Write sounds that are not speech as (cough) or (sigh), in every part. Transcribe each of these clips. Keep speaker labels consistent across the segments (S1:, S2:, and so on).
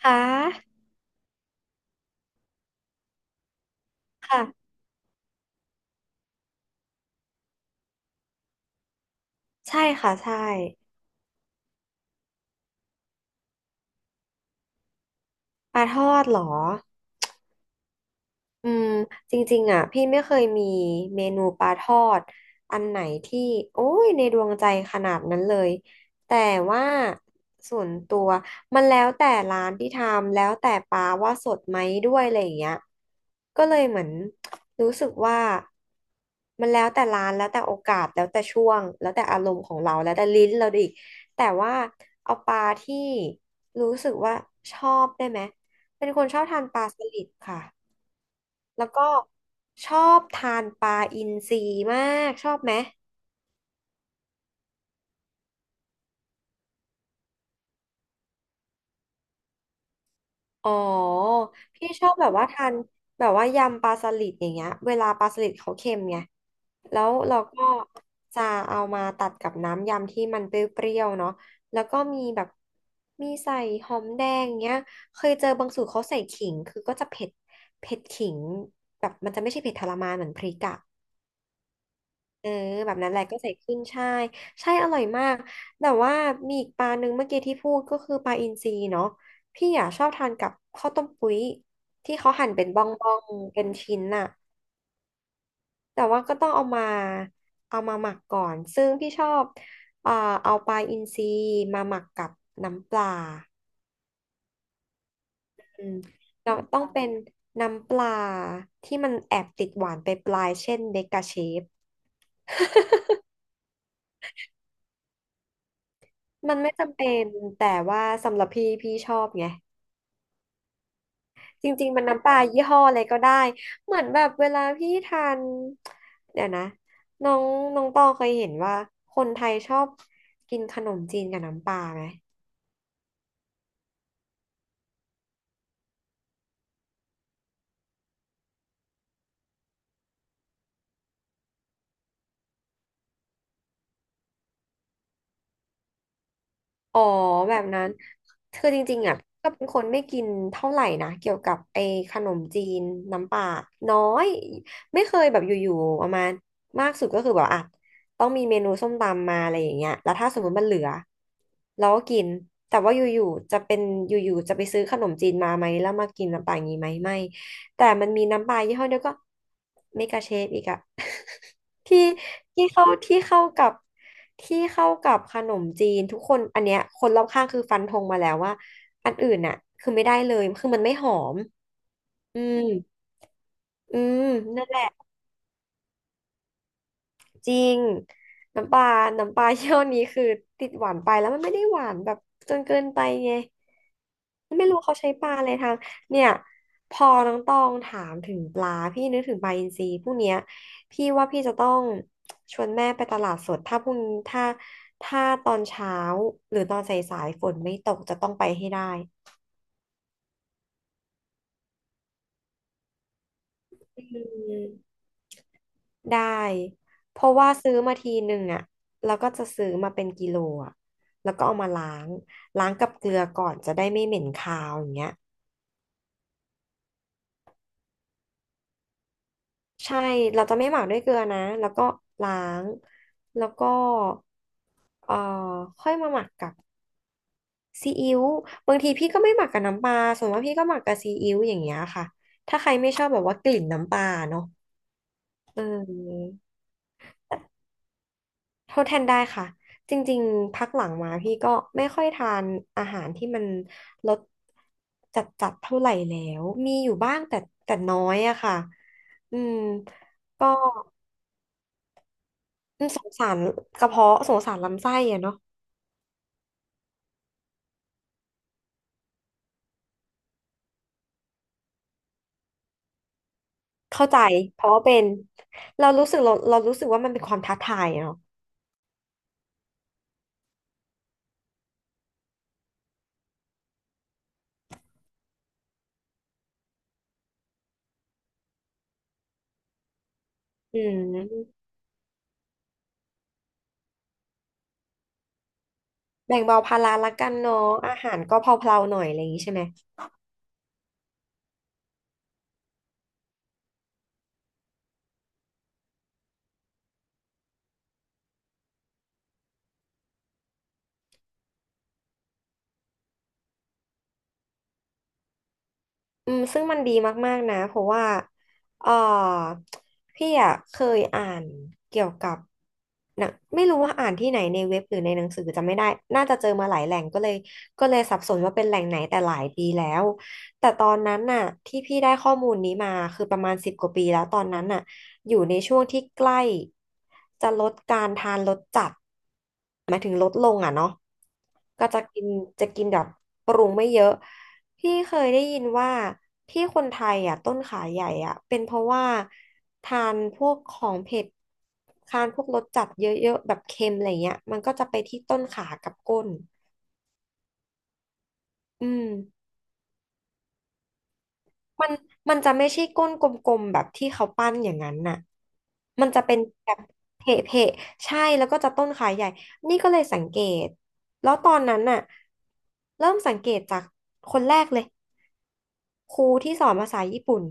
S1: ค่ะค่ะ ใช่ค่ะใช่ปลาทอดเหรอ อืมจริงๆอ่ะพี่ไม่เคยมีเมนูปลาทอดอันไหนที่โอ้ยในดวงใจขนาดนั้นเลยแต่ว่าส่วนตัวมันแล้วแต่ร้านที่ทำแล้วแต่ปลาว่าสดไหมด้วยอะไรอย่างเงี้ยก็เลยเหมือนรู้สึกว่ามันแล้วแต่ร้านแล้วแต่โอกาสแล้วแต่ช่วงแล้วแต่อารมณ์ของเราแล้วแต่ลิ้นเราอีกแต่ว่าเอาปลาที่รู้สึกว่าชอบได้ไหมเป็นคนชอบทานปลาสลิดค่ะ แล้วก็ชอบทานปลาอินทรีมากชอบไหมอ๋อพี่ชอบแบบว่าทานแบบว่ายำปลาสลิดอย่างเงี้ยเวลาปลาสลิดเขาเค็มไงแล้วเราก็จะเอามาตัดกับน้ำยำที่มันเปรี้ยวๆเนาะแล้วก็มีแบบมีใส่หอมแดงเงี้ยเคยเจอบางสูตรเขาใส่ขิงคือก็จะเผ็ดเผ็ดขิงแบบมันจะไม่ใช่เผ็ดทรมานเหมือนพริกอะ เออแบบนั้นแหละก็ใส่ขึ้นใช่ใช่อร่อยมากแต่ว่ามีอีกปลาหนึ่งเมื่อกี้ที่พูดก็คือปลาอินทรีเนาะพี่อ่ะชอบทานกับข้าวต้มปุ้ยที่เขาหั่นเป็นบ้องๆเป็นชิ้นน่ะแต่ว่าก็ต้องเอามาหมักก่อนซึ่งพี่ชอบเอ่อเอาปลาอินทรีมาหมักกับน้ำปลาอืมเราต้องเป็นน้ำปลาที่มันแอบติดหวานไปปลายเช่นเดกาเชฟมันไม่จำเป็นแต่ว่าสำหรับพี่พี่ชอบไง จริงๆ มันน้ำปลายี่ห้ออะไรก็ได้ เหมือนแบบเวลาพี่ทาน เดี๋ยวนะน้องน้องตองเคยเห็นว่าคนไทยชอบกินขนมจีนกับน้ำปลาไหม อ๋อแบบนั้นคือจริงๆอ่ะก็เป็นคนไม่กินเท่าไหร่นะเกี่ยวกับไอ้ขนมจีนน้ำปลาน้อยไม่เคยแบบอยู่ๆประมาณมากสุดก็คือแบบอ่ะต้องมีเมนูส้มตำมาอะไรอย่างเงี้ยแล้วถ้าสมมติมันเหลือเราก็กินแต่ว่าอยู่ๆจะไปซื้อขนมจีนมาไหมแล้วมากินน้ำปลาอย่างงี้ไหมไม่แต่มันมีน้ำปลายี่ห้อเดียวก็เมกาเชฟอีกอะ ที่ที่เข้าที่เข้ากับที่เข้ากับขนมจีนทุกคนอันเนี้ยคนรอบข้างคือฟันธงมาแล้วว่าอันอื่นน่ะคือไม่ได้เลยคือมันไม่หอมอืมอืมนั่นแหละจริงน้ำปลาน้ำปลา (laughs) เยี่ยวนี้คือติดหวานไปแล้วมันไม่ได้หวานแบบจนเกินไปไง ไม่รู้เขาใช้ปลาอะไรทางเนี่ยพอน้องตองถามถึงปลาพี่นึกถึงปลาอินทรีพวกเนี้ยพี่ว่าพี่จะต้องชวนแม่ไปตลาดสดถ้าพรุ่งถ้าถ้าตอนเช้าหรือตอนสายๆฝนไม่ตกจะต้องไปให้ได้อืมได้เพราะว่าซื้อมาทีหนึ่งอ่ะแล้วก็จะซื้อมาเป็นกิโลอ่ะแล้วก็เอามาล้างกับเกลือก่อนจะได้ไม่เหม็นคาวอย่างเงี้ยใช่เราจะไม่หมักด้วยเกลือนะแล้วก็ล้างแล้วก็ เอ่อค่อยมาหมักกับซีอิ๊วบางทีพี่ก็ไม่หมักกับน้ำปลาส่วนมากพี่ก็หมักกับซีอิ๊วอย่างเงี้ยค่ะถ้าใครไม่ชอบแบบว่ากลิ่นน้ำปลาเนาะเออโทษแทนได้ค่ะจริงๆพักหลังมาพี่ก็ไม่ค่อยทานอาหารที่มันรสจัดๆเท่าไหร่แล้วมีอยู่บ้างแต่แต่น้อยอะค่ะอืมก็อืมสงสารกระเพาะสงสารลำไส้อะเนาะเข้าใจเพราะว่าเป็นเรารู้สึกว่ามันเป็นความท้าทายอะเนาะ อืมแบ่งเบาภาระละกันเนาะอาหารก็เพลาๆหน่อยอะไรอย่างนี้ใช่ไหมอืมซึ่งมันดีมากๆนะเพราะว่าเออพี่อ่ะเคยอ่านเกี่ยวกับหนะไม่รู้ว่าอ่านที่ไหนในเว็บหรือในหนังสือจำไม่ได้น่าจะเจอมาหลายแหล่งก็เลยสับสนว่าเป็นแหล่งไหนแต่หลายปีแล้วแต่ตอนนั้นน่ะที่พี่ได้ข้อมูลนี้มาคือประมาณ10 กว่าปีแล้วตอนนั้นน่ะ อยู่ในช่วงที่ใกล้จะลดการทานรสจัดหมายถึงลดลงอ่ะเนาะก็จะกินจะกินแบบปรุงไม่เยอะพี่เคยได้ยินว่าที่คนไทยอ่ะต้นขาใหญ่อ่ะเป็นเพราะว่าทานพวกของเผ็ดทานพวกรสจัดเยอะๆแบบเค็มอะไรเงี้ยมันก็จะไปที่ต้นขากับก้นอืม มันมันจะไม่ใช่ก้นกลมๆแบบที่เขาปั้นอย่างนั้นน่ะมันจะเป็นแบบเพะเพะใช่แล้วก็จะต้นขาใหญ่ นี่ก็เลยสังเกต แล้วตอนนั้นน่ะเริ่มสังเกตจากคนแรกเลย ครูที่สอนภาษาญี่ปุ่น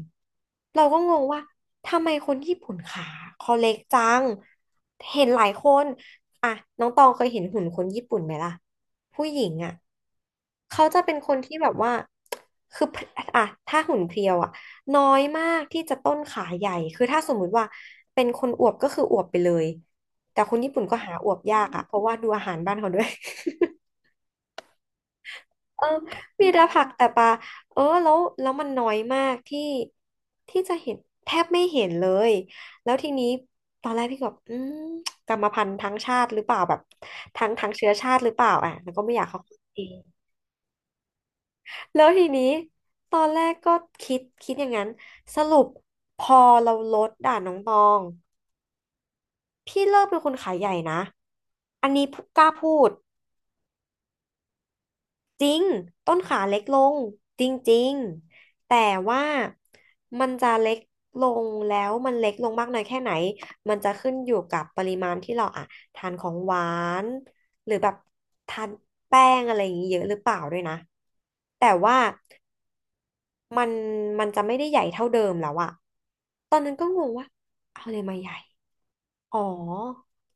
S1: เราก็งงว่าทำไมคนญี่ปุ่นขาเขาเล็กจังเห็นหลายคนอ่ะน้องตองเคยเห็นหุ่นคนญี่ปุ่นไหมล่ะผู้หญิงอ่ะเขาจะเป็นคนที่แบบว่าคืออ่ะถ้าหุ่นเพรียวอ่ะน้อยมากที่จะต้นขาใหญ่คือถ้าสมมุติว่าเป็นคนอวบก็คืออวบไปเลยแต่คนญี่ปุ่นก็หาอวบยากอ่ะเพราะว่าดูอาหารบ้านเขาด้วย เออมีแต่ผักแต่ปลาเออแล้วมันน้อยมากที่จะเห็นแทบไม่เห็นเลย แล้วทีนี้ตอนแรกพี่ก็แบบอืมกรรมพันธุ์ทั้งชาติหรือเปล่าแบบทั้งเชื้อชาติหรือเปล่าอ่ะแล้วก็ไม่อยากเข้าข้างิแล้วทีนี้ตอนแรกก็คิดอย่างนั้น สรุปพอเราลดด่านน้องตอง พี่เลิกเป็นคนขายใหญ่นะ อันนี้กล้าพูด จริงต้นขาเล็กลงจริงๆแต่ว่ามันจะเล็กลงแล้วมันเล็กลงมากน้อยแค่ไหนมันจะขึ้นอยู่กับปริมาณที่เราอะทานของหวานหรือแบบทานแป้งอะไรอย่างนี้เยอะหรือเปล่าด้วยนะแต่ว่ามันมันจะไม่ได้ใหญ่เท่าเดิมแล้วอะตอนนั้นก็งงว่าเอาเลยมาใหญ่อ๋อ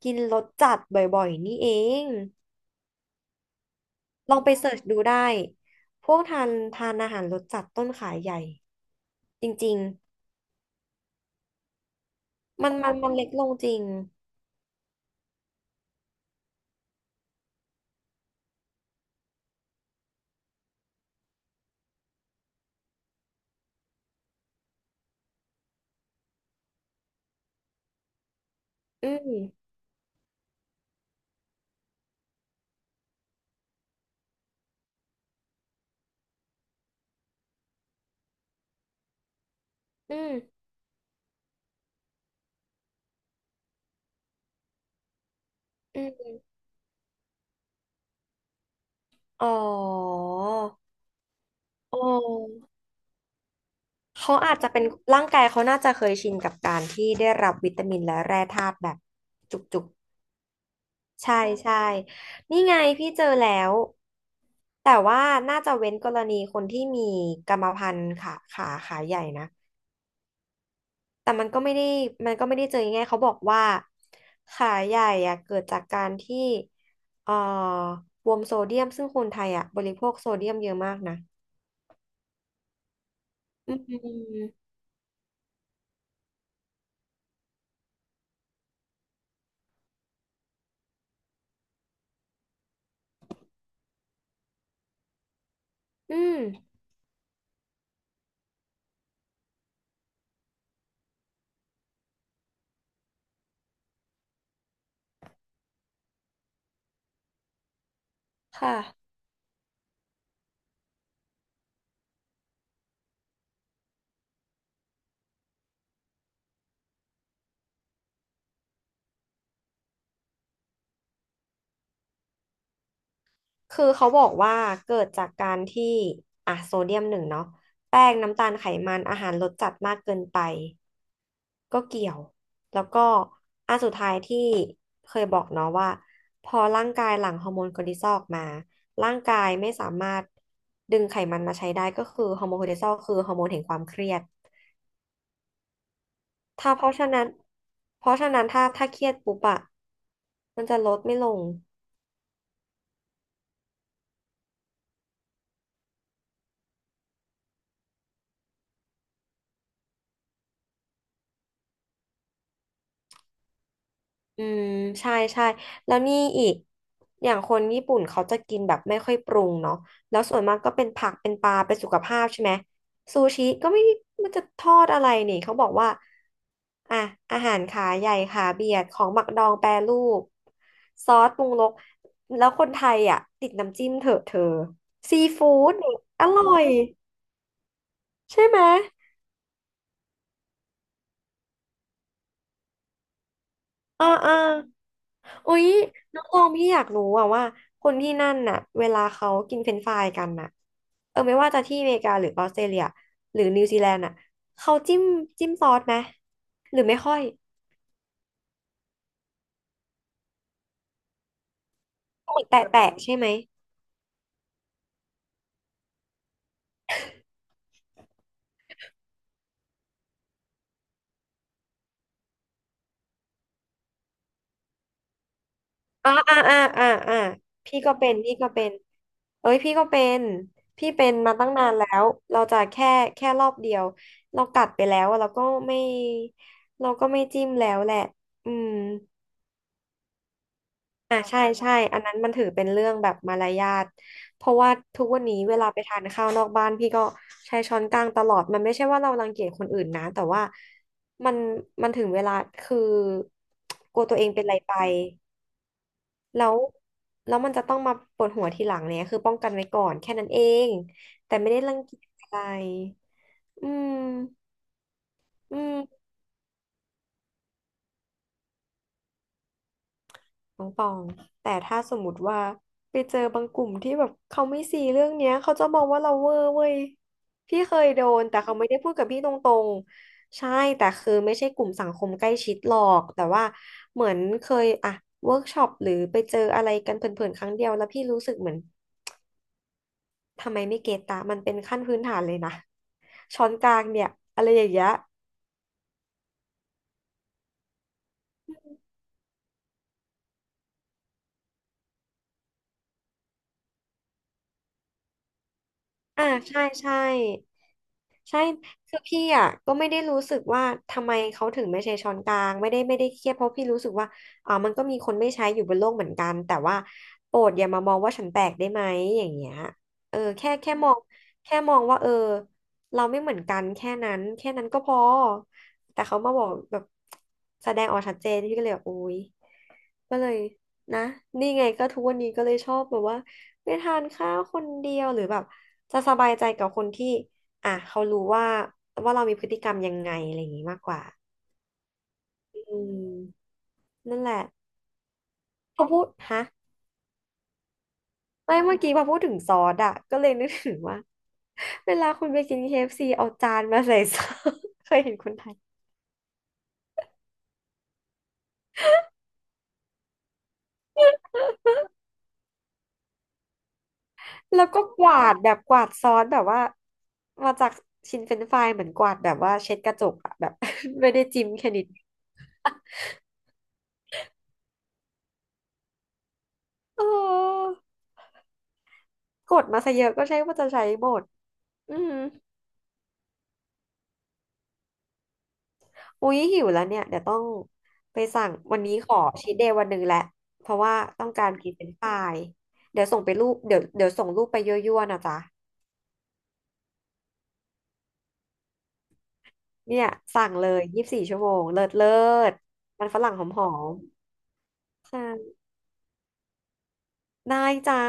S1: กินรสจัดบ่อยๆนี่เอง ลองไปเสิร์ชดูได้ พวกทานอาหารรสจัดต้นขายใหญ่จริงๆมันเล็กลงจริง อืมอืมอืมอ๋อ อ๋อ เขาอาจจะเป็นร่างกายเขาน่าจะเคยชินกับการที่ได้รับวิตามินและแร่ธาตุแบบจุกๆใช่ใช่นี่ไงพี่เจอแล้ว แต่ว่าน่าจะเว้นกรณีคนที่มีกรรมพันธุ์ขาใหญ่นะ แต่มันก็ไม่ได้มันก็ไม่ได้เจอง่ายๆเขาบอกว่าขาใหญ่อะเกิดจากการที่เอ่อบวมโซเดียมซึ่งคนไทยอะบริโภคโซเดียมเยอะมากนะอืมอืมค่ะ คือเขาบอกว่าเกิดจากการที่อ่ะโซเดียมหนึ่งเนาะแป้งน้ำตาลไขมันอาหารรสจัดมากเกินไป ก็เกี่ยวแล้วก็อันสุดท้ายที่เคยบอกเนาะว่าพอร่างกายหลั่งฮอร์โมนคอร์ติซอลออกมาร่างกายไม่สามารถดึงไขมันมาใช้ได้ก็คือฮอร์โมนคอร์ติซอลคือฮอร์โมนแห่งความเครียดถ้าเพราะฉะนั้นเพราะฉะนั้นถ้าเครียดปุ๊บอะมันจะลดไม่ลง อืมใช่ใช่แล้วนี่อีกอย่างคนญี่ปุ่นเขาจะกินแบบไม่ค่อยปรุงเนาะแล้วส่วนมากก็เป็นผักเป็นปลาเป็นสุขภาพใช่ไหมซูชิก็ไม่มันจะทอดอะไรนี่เขาบอกว่าอ่ะอาหารขาใหญ่ขาเบียดของหมักดองแปรรูปซอสปรุงรสแล้วคนไทยอ่ะติดน้ำจิ้มเถอะเธอซีฟู้ดนี่อร่อยใช่ไหม ออเอออุ๊ยน้องตองพี่อยากรู้อะว่าคนที่นั่นน่ะเวลาเขากินเฟรนช์ฟรายกันน่ะเออไม่ว่าจะที่อเมริกาหรือออสเตรเลียหรือนิวซีแลนด์น่ะเขาจิ้มจิ้มซอสไหมหรือไม่ค่อยเหมือนแตะแตะใช่ไหมอ่าอ่าอ่าอ่าอ่าพี่ก็เป็นเอ้ยพี่ก็เป็นพี่เป็นมาตั้งนานแล้วเราจะแค่รอบเดียวเรากัดไปแล้วอะไม่เราก็ไม่จิ้มแล้วแหละอืม อ่าใช่ใช่อันนั้นมันถือเป็นเรื่องแบบมารยาทเพราะว่าทุกวันนี้เวลาไปทานข้าวนอกบ้านพี่ก็ใช้ช้อนกลางตลอดมันไม่ใช่ว่าเรารังเกียจคนอื่นนะแต่ว่ามันมันถึงเวลาคือกลัวตัวเองเป็นอะไรไปแล้วแล้วมันจะต้องมาปวดหัวทีหลังเนี่ยคือป้องกันไว้ก่อนแค่นั้นเองแต่ไม่ได้รังเกียจอะไรอืมอืม น้องตองแต่ถ้าสมมติว่าไปเจอบางกลุ่มที่แบบเขาไม่ซีเรื่องเนี้ยเขาจะมองว่าเราเวอร์เว้ยพี่เคยโดนแต่เขาไม่ได้พูดกับพี่ตรงๆใช่แต่คือไม่ใช่กลุ่มสังคมใกล้ชิดหรอกแต่ว่าเหมือนเคยอะเวิร์กช็อปหรือไปเจออะไรกันเพลินๆครั้งเดียวแล้วพี่รู้สึกเหมือนทำไมไม่เก็ตตามันเป็นขั้นพื้นฐานเลยนะช้อนกลางเนี่ยอะไรอย่างเงี้ยอ่าใช่ใช่ ใช่คือพี่อ่ะก็ไม่ได้รู้สึกว่าทำไมเขาถึงไม่ใช้ช้อนกลางไม่ได้เครียดเพราะพี่รู้สึกว่าอ่ามันก็มีคนไม่ใช้อยู่บนโลกเหมือนกันแต่ว่าโปรดอย่ามามองว่าฉันแปลกได้ไหมอย่างเงี้ยเออแค่มองว่าเออเราไม่เหมือนกันแค่นั้นแค่นั้นก็พอแต่เขามาบอกแบบแสดงออกชัดเจนพี่ก็เลยแบบโอ๊ย ก็เลยนะนี่ไงก็ทุกวันนี้ก็เลยชอบแบบว่าไปทานข้าวคนเดียวหรือแบบจะสบายใจกับคนที่อ่ะเขารู้ว่าว่าเรามีพฤติกรรมยังไงอะไรอย่างงี้มากกว่าอืมนั่นแหละพอพูดฮะไม่เมื่อกี้พอพูดถึงซอสอ่ะก็เลยนึกถึงว่าเวลาคุณไปกิน KFC เอฟซีเอาจานมาใส่ซอส (laughs) เคยเห็นคนไทยแล้วก็กวาดแบบกวาดซอสแบบว่ามาจากชิ้นเฟรนช์ฟรายเหมือนกวาดแบบว่าเช็ดกระจกอะแบบ (laughs) ไม่ได้จิ้มแค่นิด เออกดมาซะเยอะก็ใช่ว่าจะใช้หมดอืมอุ๊ยหิวแล้วเนี่ยเดี๋ยวต้องไปสั่งวันนี้ขอชีทเดย์วันหนึ่งแหละเพราะว่าต้องการกินเป็นฝ่ายเดี๋ยวส่งไปรูปเดี๋ยวเดี๋ยวส่งรูปไปยั่วๆนะจ๊ะเนี่ยสั่งเลย24 ชั่วโมงเลิศเลิศมันฝรั่งหอมๆใช่ได้จ้า